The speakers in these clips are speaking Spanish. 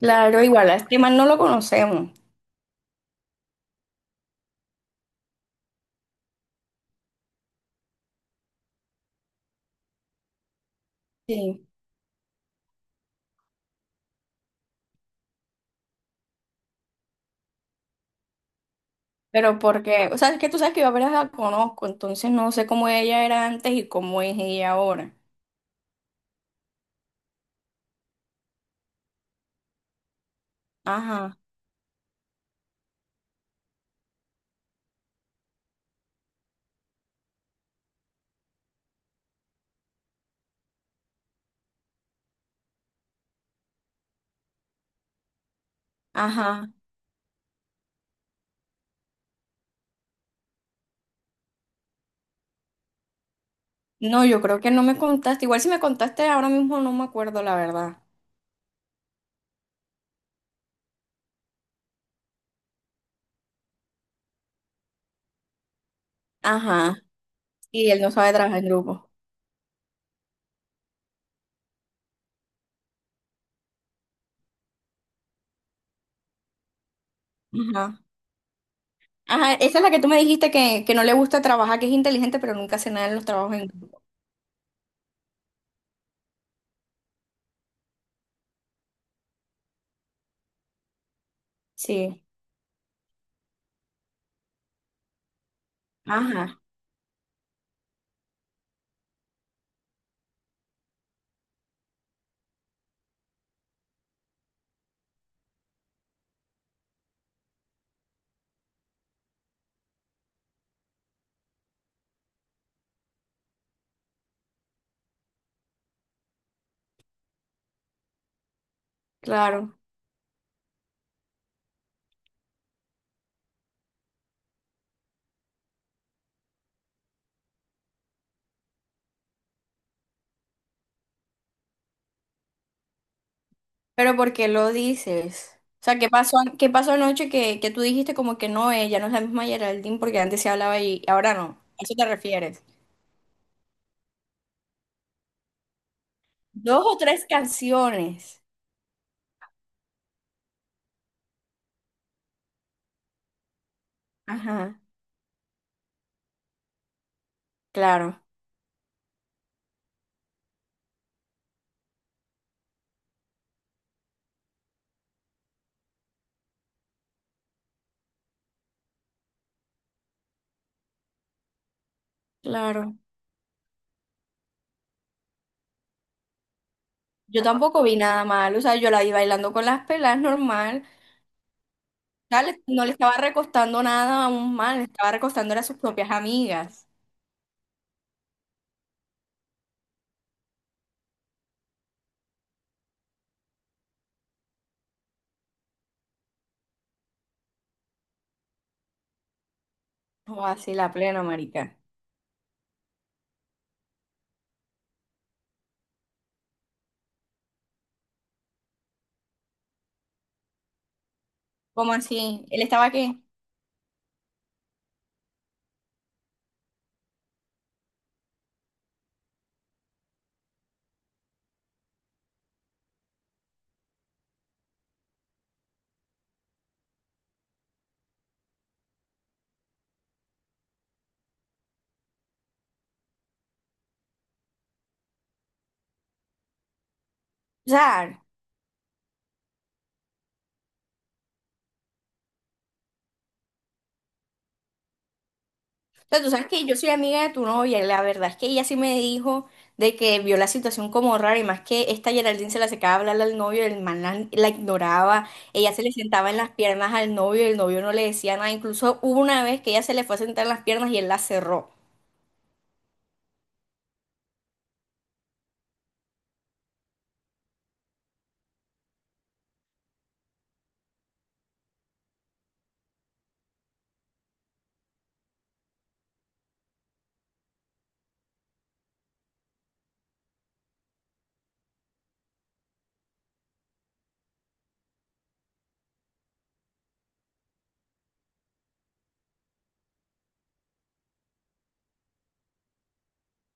Claro, igual a este man no lo conocemos. Sí. Pero porque, o sea, es que tú sabes que yo apenas la conozco, entonces no sé cómo ella era antes y cómo es ella ahora. Ajá, ajá. No, yo creo que no me contaste. Igual si me contaste ahora mismo no me acuerdo, la verdad. Ajá. Y él no sabe trabajar en grupo. Ajá. Ajá, esa es la que tú me dijiste que, no le gusta trabajar, que es inteligente, pero nunca hace nada en los trabajos en grupo. Sí. Ajá, claro. Pero ¿por qué lo dices? O sea, qué pasó anoche que, tú dijiste como que no, ella no es la misma Geraldine porque antes se hablaba y ahora no? ¿A eso te refieres? Dos o tres canciones. Ajá, claro, claro. Yo tampoco vi nada mal, o sea, yo la vi bailando con las pelas normal. O no le estaba recostando nada a un mal, le estaba recostando era a sus propias amigas. O así, la plena, marica. ¿Cómo así? ¿Él estaba qué? O sea, tú sabes que yo soy amiga de tu novia, y la verdad es que ella sí me dijo de que vio la situación como rara y más que esta Geraldine se la secaba a hablarle al novio, el man la ignoraba, ella se le sentaba en las piernas al novio y el novio no le decía nada, incluso hubo una vez que ella se le fue a sentar en las piernas y él la cerró.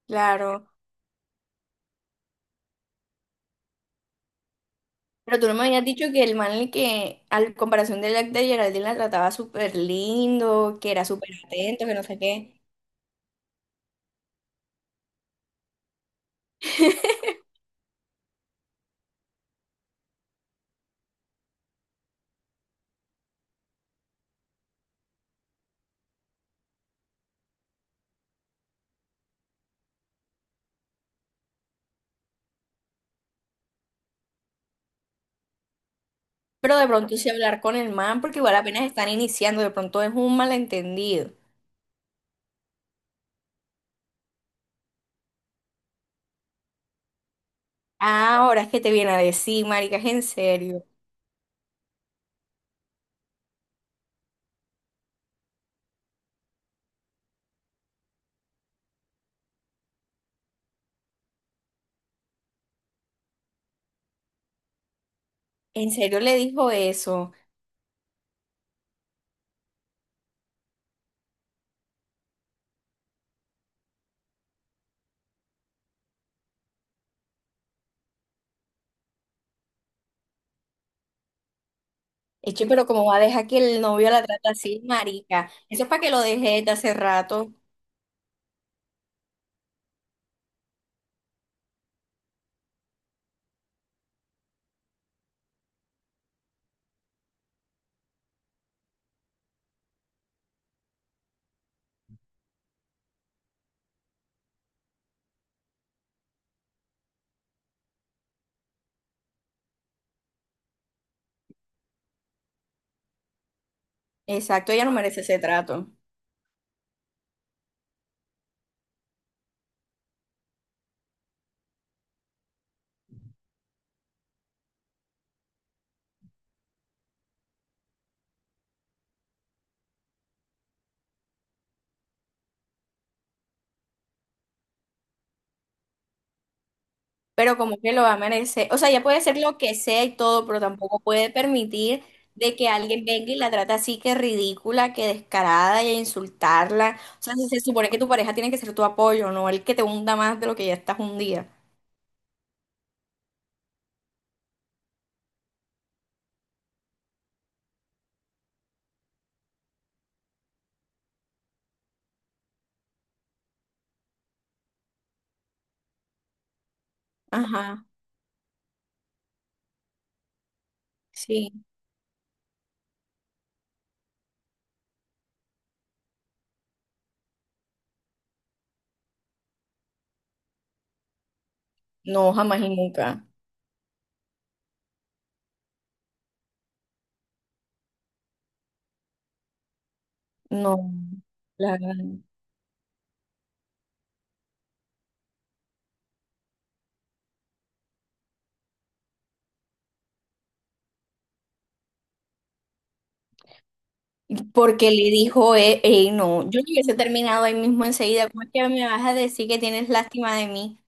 Claro, pero tú no me habías dicho que el man el que al comparación de la de Geraldine la trataba súper lindo, que era súper atento, que no sé qué, pero de pronto sí hablar con el man porque igual apenas están iniciando, de pronto es un malentendido. Ah, ahora es que te viene a decir, marica, es en serio. En serio le dijo eso. Eche, pero ¿cómo va a dejar que el novio la trate así, marica? Eso es para que lo deje desde hace rato. Exacto, ella no merece ese trato. Pero como que lo va a merecer. O sea, ella puede hacer lo que sea y todo, pero tampoco puede permitir de que alguien venga y la trate así, que ridícula, que descarada y a insultarla. O sea, se supone que tu pareja tiene que ser tu apoyo, no el que te hunda más de lo que ya estás hundida. Ajá, sí. No, jamás y nunca. No, la gran- porque le dijo, ey, no, yo le hubiese terminado ahí mismo enseguida. ¿Cómo es que me vas a decir que tienes lástima de mí?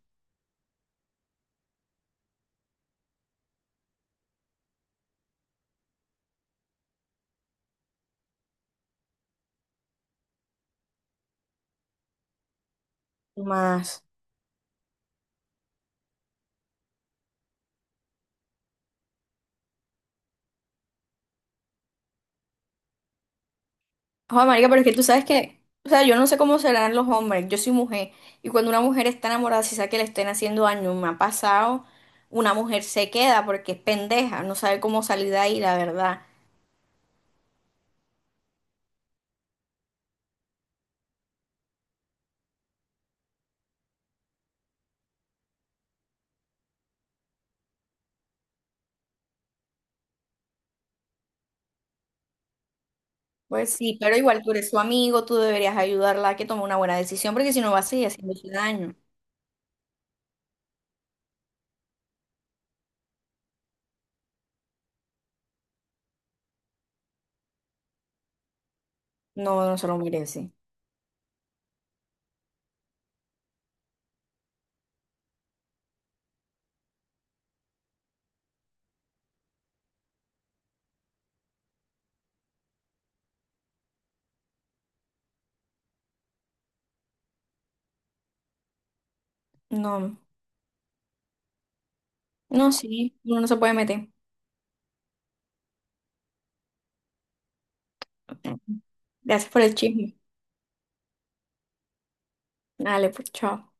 No más. Ojo, marica, pero es que tú sabes que, o sea, yo no sé cómo serán los hombres, yo soy mujer, y cuando una mujer está enamorada, si sabe que le estén haciendo daño, me ha pasado, una mujer se queda porque es pendeja, no sabe cómo salir de ahí, la verdad. Pues sí, pero igual tú eres su amigo, tú deberías ayudarla a que tome una buena decisión, porque si no va a seguir haciendo daño. No, no se lo merece. No. No, sí, uno no se puede meter. Gracias por el chisme. Dale, pues, chao.